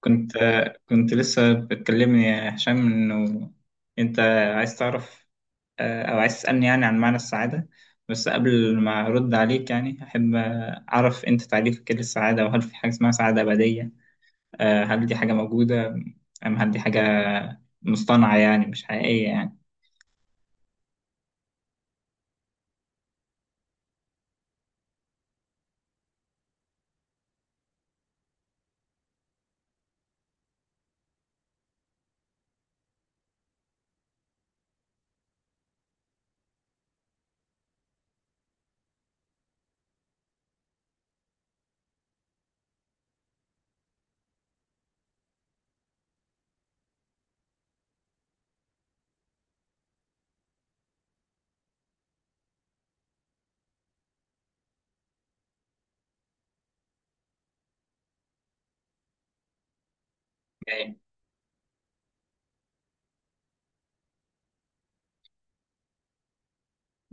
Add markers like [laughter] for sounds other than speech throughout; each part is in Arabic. كنت كنت لسه بتكلمني يا هشام انه انت عايز تعرف، او عايز تسألني يعني عن معنى السعادة. بس قبل ما ارد عليك يعني احب اعرف انت تعريفك ايه للسعادة، وهل في حاجة اسمها سعادة أبدية؟ هل دي حاجة موجودة، هل دي حاجة مصطنعة يعني مش حقيقية يعني؟ أيوة.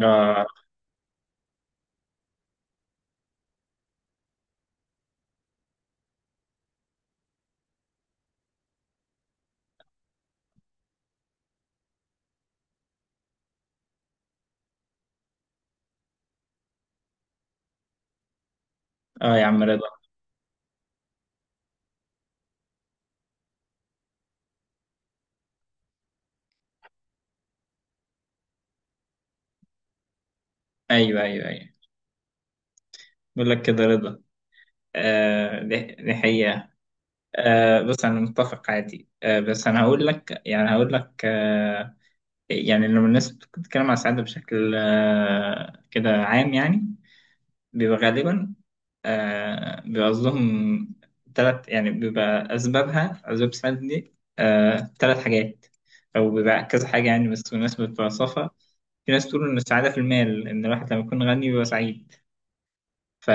اه. اه يا عم رضا. ايوه، ايوه، ايوه. بقول لك كده رضا، آه، دي حقيقة. آه بص، انا متفق عادي، آه بس انا هقول لك، يعني هقول لك، يعني لما الناس بتتكلم عن السعادة بشكل كده عام، يعني بيبقى غالبا، بيبقى قصدهم تلات، يعني بيبقى أسباب السعادة دي تلات حاجات، أو بيبقى كذا حاجة يعني. بس بالنسبة للفلسفة، في ناس تقول إن السعادة في المال، إن الواحد لما يكون غني بيبقى سعيد. ف...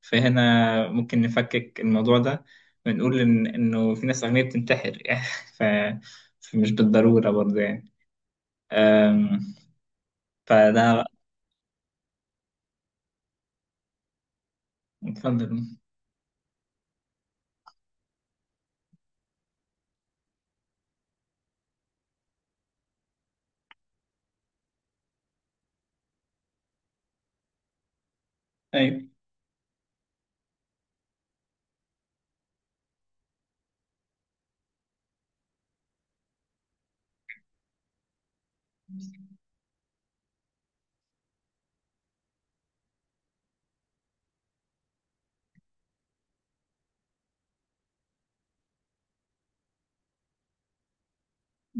فهنا ممكن نفكك الموضوع ده، ونقول إنه في ناس أغنياء بتنتحر [laughs] يعني. ف... فمش بالضرورة برضه يعني. فده. اتفضل. ايوه،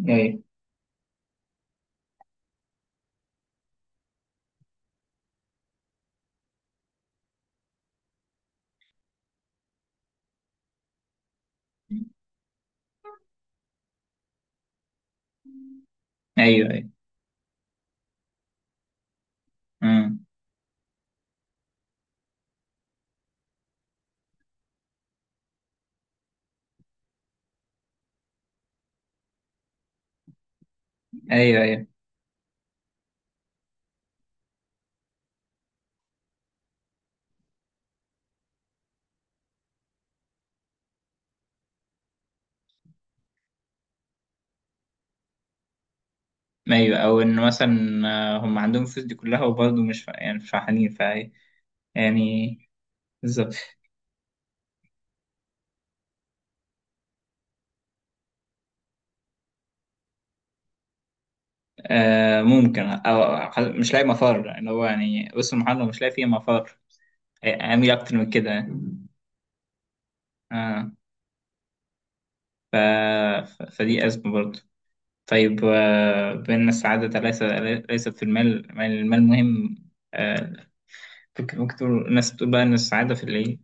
ايوه، ايوه، ايوه. أمم. ايوه، ايوه، ايوه، او ان مثلا هم عندهم الفلوس دي كلها وبرضه مش فا- يعني مش فرحانين، فا يعني. بالظبط. آه ممكن، او مش لاقي مفر، اللي هو يعني وسط المحاضره مش لاقي فيه مفر. اعمل اكتر من كده. اه. ف... فدي ازمه برضه. طيب بان السعاده ليس ليست في المال. المال المال مهم، آه، ممكن تقول الناس بتقول بقى ان السعاده في الايه،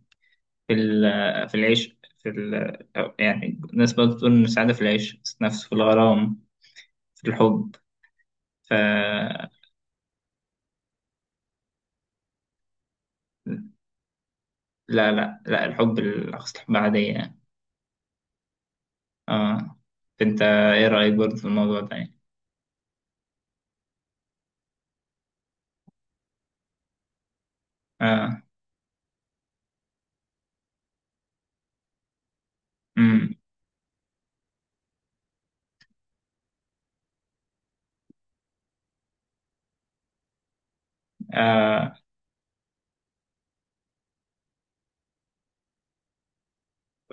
في العيش، في ال يعني. الناس برضه بتقول إن السعادة في العيش، في النفس، في الغرام، في الحب. ف لا لا لا، الحب الأقصى، الحب عادية يعني. اه. أنت إيه رأيك برضه في الموضوع ده يعني؟ اه. أمم. آه.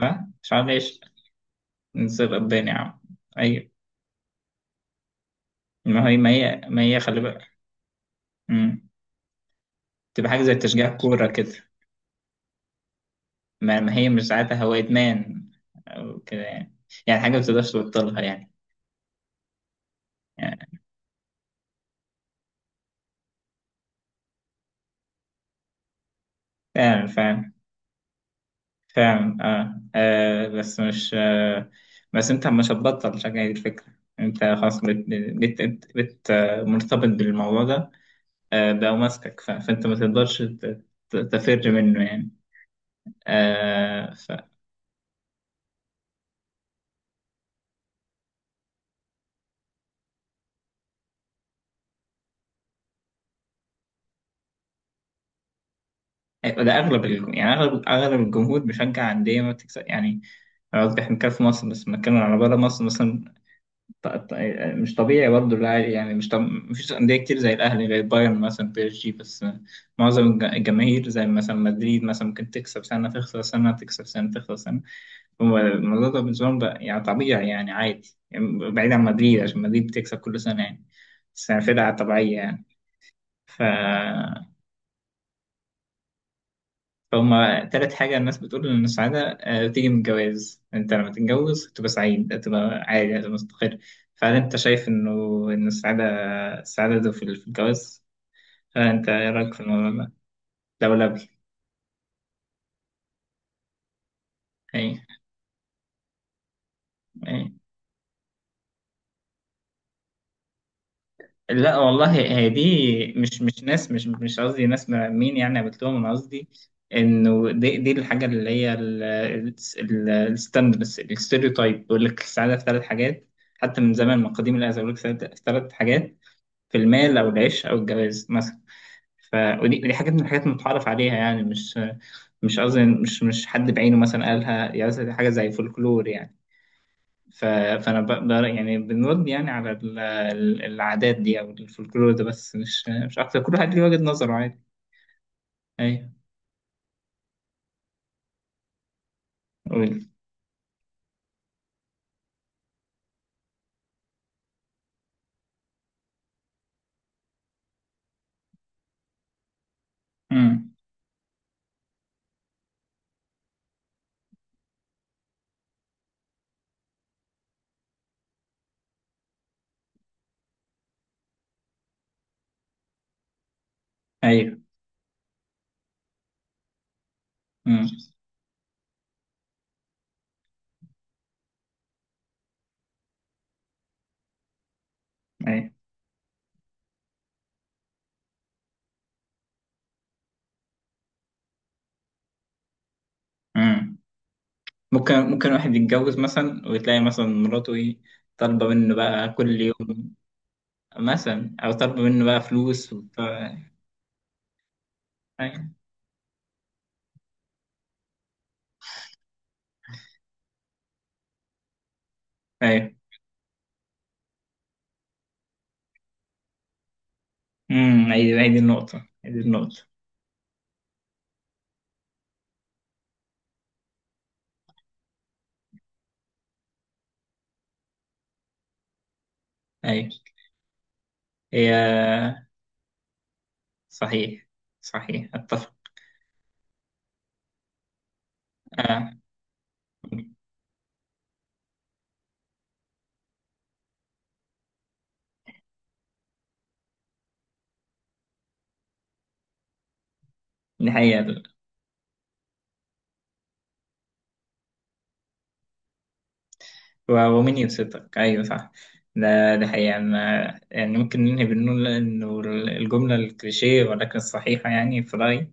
ما مش عارف ليش. نصير قباني يا عم. أيوة. ما هي خلي بالك. أمم. تبقى حاجة زي تشجيع كورة كده. ما هي مش ساعتها هو إدمان، أو كده يعني. يعني حاجة ما بتقدرش تبطلها يعني. يعني. فعلا فعلا. فعلا. بس مش. بس انت مش هتبطل شجع، دي الفكرة. انت خلاص بت, بت... بت... بت... آه، مرتبط بالموضوع ده. بقى ماسكك، فانت ما تقدرش تفر منه يعني. آه. ف... ده اغلب يعني اغلب الجمهور بيشجع انديه ما بتكسب يعني. أنا قصدي احنا بنتكلم في مصر، بس بنتكلم على بره مصر مثلا. ط- ط- مش طبيعي برضه اللاعب، يعني مش طب... مفيش أندية كتير زي الأهلي، غير بايرن مثلا، بي اس جي بس. معظم الجماهير زي مثلا مدريد، مثلا ممكن تكسب سنة، تخسر سنة، تكسب سنة، تخسر سنة. هو الموضوع ده بالنسبة لهم بقى يعني طبيعي، يعني عادي يعني، بعيد عن مدريد عشان مدريد بتكسب كل سنة يعني. بس يعني فرقة طبيعية يعني. ف... فهما تالت حاجة، الناس بتقول إن السعادة بتيجي من الجواز. أنت لما تتجوز تبقى سعيد، تبقى عادي، تبقى مستقر. فهل أنت شايف إنه إن السعادة، السعادة في في الجواز؟ فأنت إيه رأيك في الموضوع ده؟ لولبي. أي. أي. لا والله. هي دي مش ناس، مش قصدي ناس مرمين يعني قابلتهم، أنا قصدي إنه دي الحاجة اللي هي الستيreotype بيقول لك السعادة في ثلاث حاجات. حتى من زمان، من قديم الأزل بيقول لك السعادة في ثلاث حاجات، في المال أو العيش أو الجواز مثلا. ف ودي حاجات من الحاجات المتعارف عليها يعني. مش قصدي مش حد بعينه مثلا قالها، يعني مثلا دي حاجة زي فولكلور يعني. ف- فانا بقدر يعني بنرد يعني على العادات دي او الفولكلور ده، بس مش اكتر. كل واحد ليه وجهة نظره عادي. ايوه. قول. امم. ايوه. امم. ايوه. امم. ممكن واحد يتجوز مثلا، وتلاقي مثلا مراته ايه، طالبه منه بقى كل يوم، مثلا او طالبه منه بقى فلوس وبتاع. ايوه. ايوه. امم. ايوه، هي دي النقطه، هي دي النقطه. ايوه. هي صحيح، صحيح، اتفق. آه. دي حقيقة. ومين يبسطك؟ ايوه صح. ده حقيقة. أنا يعني ممكن ننهي بنقول إنه الجملة الكليشيه ولكن الصحيحة يعني في رأيي،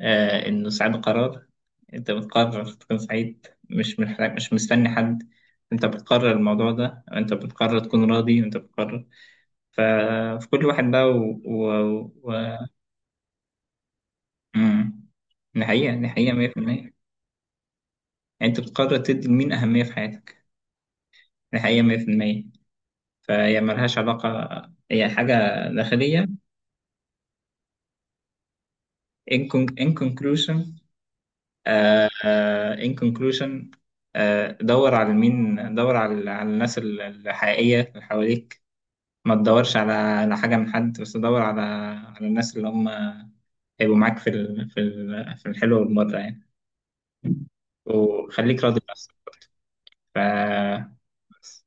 إنه سعيد قرار. أنت بتقرر تكون سعيد، مش مستني حد. أنت بتقرر الموضوع ده، أنت بتقرر تكون راضي، أنت بتقرر. ففي كل واحد بقى، و... مم. دي حقيقة، دي حقيقة. 100%. أنت بتقرر تدي لمين أهمية في حياتك. دي حقيقة. 100%. فهي ملهاش علاقة، هي حاجة داخلية. In conclusion. In conclusion، دور على الناس الحقيقية اللي حواليك. ما تدورش على حاجة من حد، بس دور على الناس اللي هم هيبقوا معاك في في الحلو والمرة يعني. وخليك راضي بنفسك. ف بس.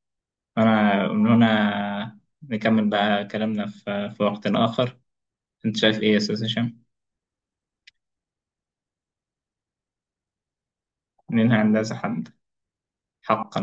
أنا من هنا نكمل بقى كلامنا في وقت آخر. أنت شايف إيه يا أستاذ هشام؟ ننهي عند هذا الحد. حقا.